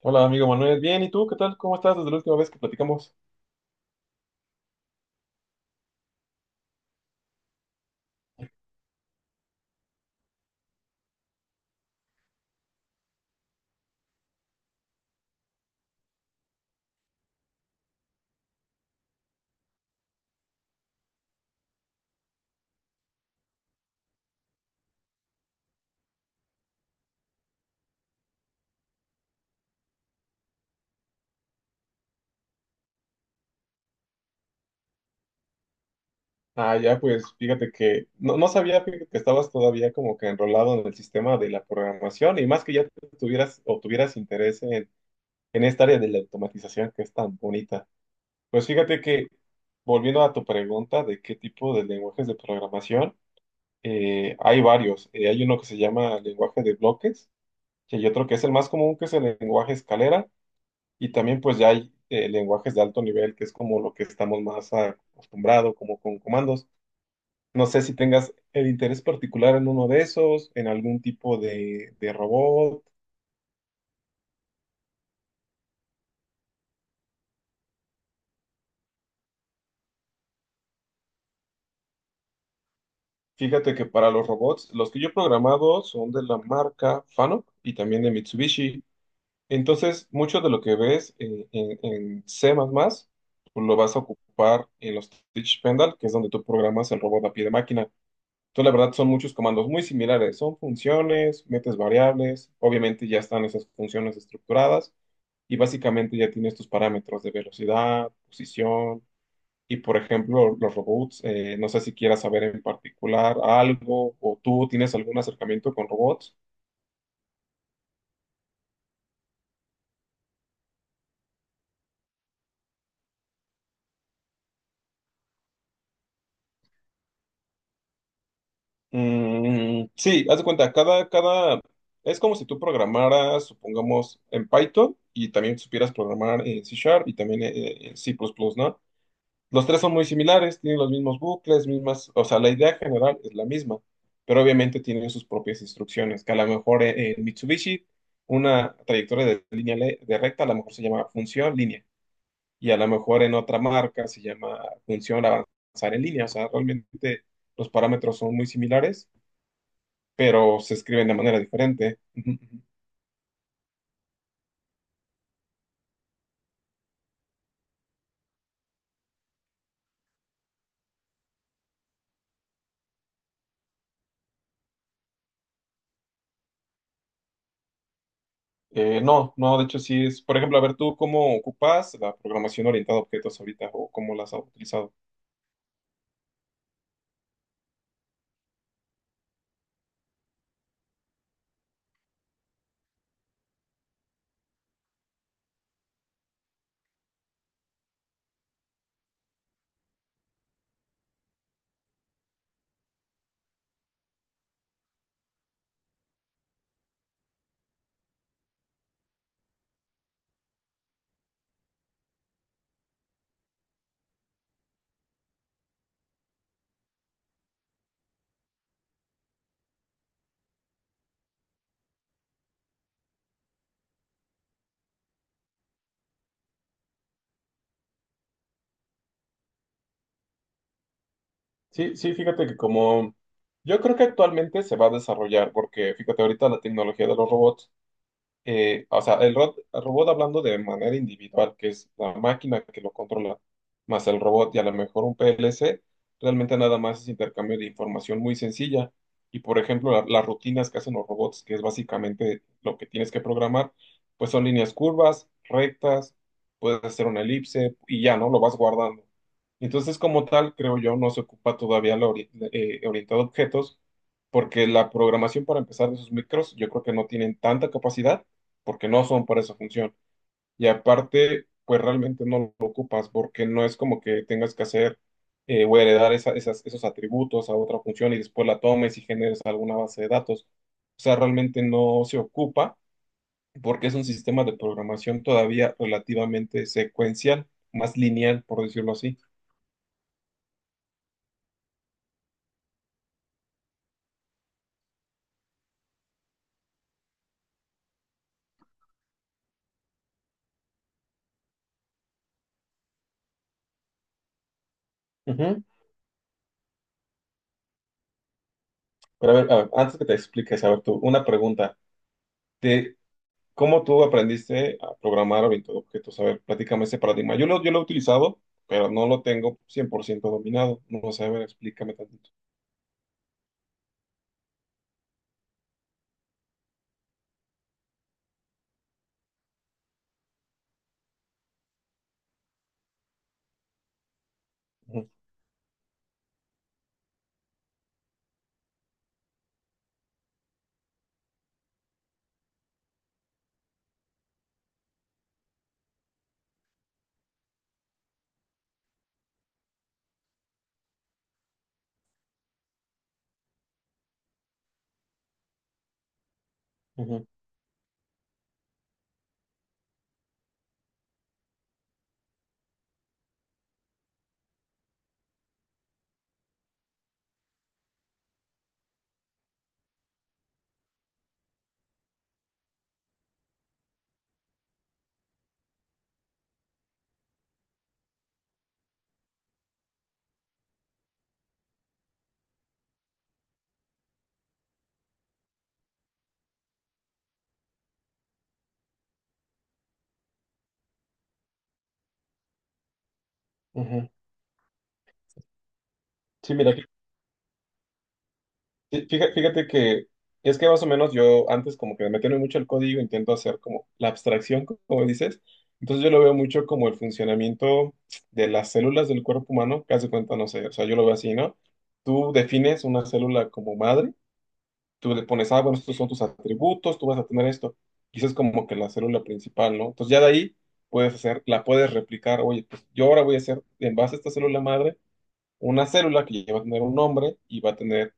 Hola, amigo Manuel. Bien, ¿y tú qué tal? ¿Cómo estás desde la última vez que platicamos? Ah, ya, pues fíjate que no sabía fíjate, que estabas todavía como que enrolado en el sistema de la programación y más que ya tuvieras interés en, esta área de la automatización que es tan bonita. Pues fíjate que, volviendo a tu pregunta de qué tipo de lenguajes de programación, hay varios. Hay uno que se llama lenguaje de bloques y hay otro que es el más común, que es el lenguaje escalera. Y también pues ya hay lenguajes de alto nivel, que es como lo que estamos más acostumbrados, como con comandos. No sé si tengas el interés particular en uno de esos, en algún tipo de, robot. Fíjate que para los robots, los que yo he programado son de la marca Fanuc y también de Mitsubishi. Entonces, mucho de lo que ves en, C++, pues lo vas a ocupar en los Teach Pendal, que es donde tú programas el robot a pie de máquina. Entonces, la verdad, son muchos comandos muy similares. Son funciones, metes variables, obviamente ya están esas funciones estructuradas y básicamente ya tienes tus parámetros de velocidad, posición y, por ejemplo, los robots. No sé si quieras saber en particular algo o tú tienes algún acercamiento con robots. Mm, sí, haz de cuenta, es como si tú programaras, supongamos, en Python y también supieras programar en C Sharp y también en C++, ¿no? Los tres son muy similares, tienen los mismos bucles, mismas, o sea, la idea general es la misma, pero obviamente tienen sus propias instrucciones, que a lo mejor en, Mitsubishi una trayectoria de de recta a lo mejor se llama función línea y a lo mejor en otra marca se llama función avanzar en línea, o sea, realmente los parámetros son muy similares, pero se escriben de manera diferente. Ujú, ujú. No, no, de hecho sí es, por ejemplo, a ver tú cómo ocupas la programación orientada a objetos ahorita o cómo las has utilizado. Sí, sí, fíjate que como yo creo que actualmente se va a desarrollar, porque fíjate, ahorita la tecnología de los robots, o sea, el robot hablando de manera individual, que es la máquina que lo controla, más el robot y a lo mejor un PLC, realmente nada más es intercambio de información muy sencilla. Y por ejemplo, las rutinas que hacen los robots, que es básicamente lo que tienes que programar, pues son líneas curvas, rectas, puedes hacer una elipse y ya, ¿no? Lo vas guardando. Entonces, como tal, creo yo, no se ocupa todavía la orientado a objetos, porque la programación para empezar de esos micros, yo creo que no tienen tanta capacidad porque no son para esa función. Y aparte, pues realmente no lo ocupas porque no es como que tengas que hacer o heredar esos atributos a otra función y después la tomes y generes alguna base de datos. O sea, realmente no se ocupa porque es un sistema de programación todavía relativamente secuencial, más lineal, por decirlo así. Ujú. Pero a ver, antes que te expliques, a ver tú, una pregunta. ¿Te, ¿Cómo tú aprendiste a programar orientado a objetos? A ver, platícame ese paradigma. Yo lo he utilizado, pero no lo tengo 100% dominado. No sé, a ver, explícame tantito. Ujú, ujú, ujú. Sí, mira, fíjate que es que más o menos yo antes como que me meterme mucho el código, intento hacer como la abstracción, como dices. Entonces yo lo veo mucho como el funcionamiento de las células del cuerpo humano, que hace cuenta, no sé, o sea, yo lo veo así, ¿no? Tú defines una célula como madre, tú le pones, ah, bueno, estos son tus atributos, tú vas a tener esto. Y eso es como que la célula principal, ¿no? Entonces ya de ahí puedes hacer, la puedes replicar, oye, pues yo ahora voy a hacer en base a esta célula madre una célula que ya va a tener un nombre y va a tener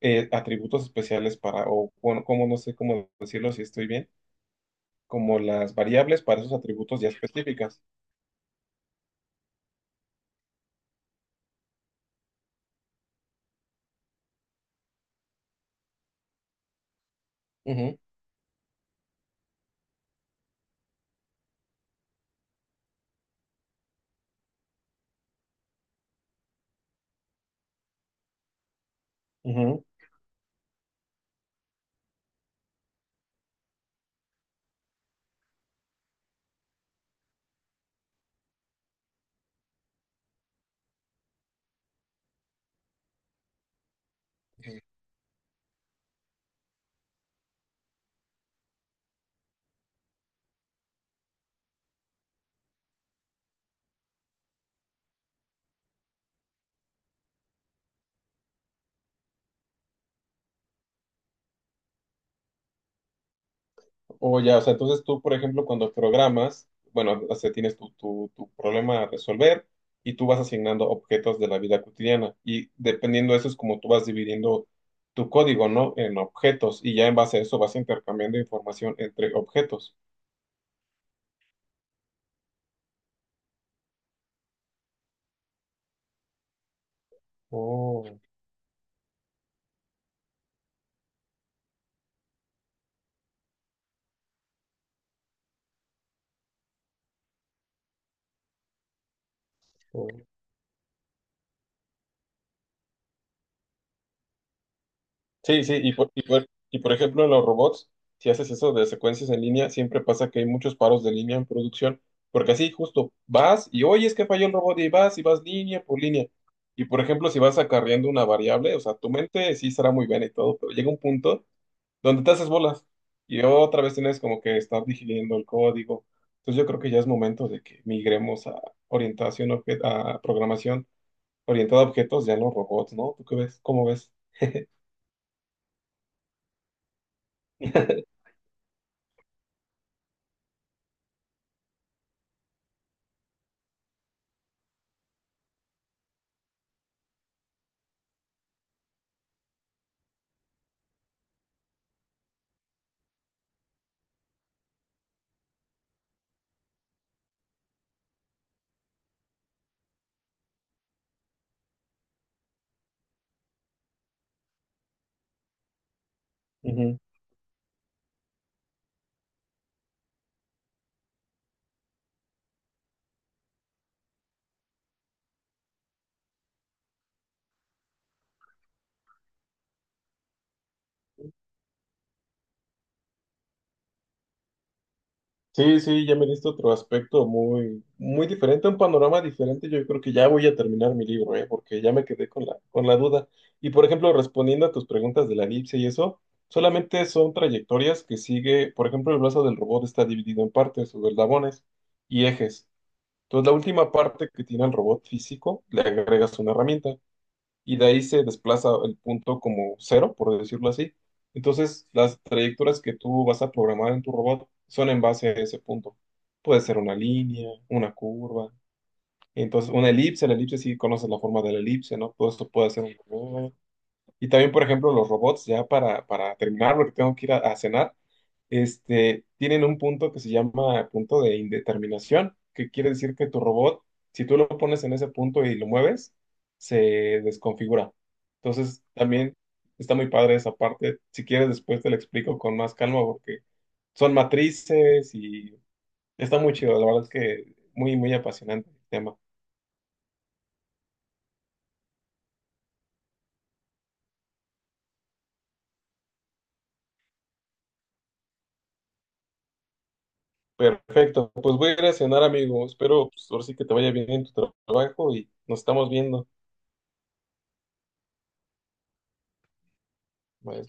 atributos especiales para, o bueno, como no sé cómo decirlo si estoy bien, como las variables para esos atributos ya específicas. Ujú, ujú. O ya, o sea, entonces tú, por ejemplo, cuando programas, bueno, o sea, tienes tu problema a resolver y tú vas asignando objetos de la vida cotidiana y dependiendo de eso es como tú vas dividiendo tu código, ¿no? En objetos y ya en base a eso vas intercambiando información entre objetos. Oh, oh. Sí, sí, y por ejemplo, en los robots, si haces eso de secuencias en línea, siempre pasa que hay muchos paros de línea en producción, porque así justo vas y oye, es que falló el robot y vas línea por línea. Y por ejemplo, si vas acarreando una variable, o sea, tu mente sí será muy buena y todo, pero llega un punto donde te haces bolas y otra vez tienes como que estar digiriendo el código. Entonces yo creo que ya es momento de que migremos a a programación orientada a objetos, ya no robots, ¿no? ¿Tú qué ves? ¿Cómo ves? Ujú. Sí, sí, ya me diste otro aspecto muy, muy diferente, un panorama diferente. Yo creo que ya voy a terminar mi libro, ¿eh? Porque ya me quedé con la duda. Y por ejemplo, respondiendo a tus preguntas de la elipse y eso, solamente son trayectorias que sigue, por ejemplo, el brazo del robot está dividido en partes, o eslabones y ejes. Entonces, la última parte que tiene el robot físico, le agregas una herramienta y de ahí se desplaza el punto como cero, por decirlo así. Entonces, las trayectorias que tú vas a programar en tu robot son en base a ese punto. Puede ser una línea, una curva, entonces una elipse, la elipse sí conoces la forma de la elipse, ¿no? Todo esto puede ser un robot. Y también, por ejemplo, los robots, ya para, terminar, porque tengo que ir a, cenar, este, tienen un punto que se llama punto de indeterminación, que quiere decir que tu robot, si tú lo pones en ese punto y lo mueves, se desconfigura. Entonces, también está muy padre esa parte. Si quieres, después te la explico con más calma porque son matrices y está muy chido. La verdad es que muy, muy apasionante el tema. Perfecto, pues voy a ir a cenar, amigo. Espero, pues, ahora sí que te vaya bien en tu trabajo y nos estamos viendo. Bye.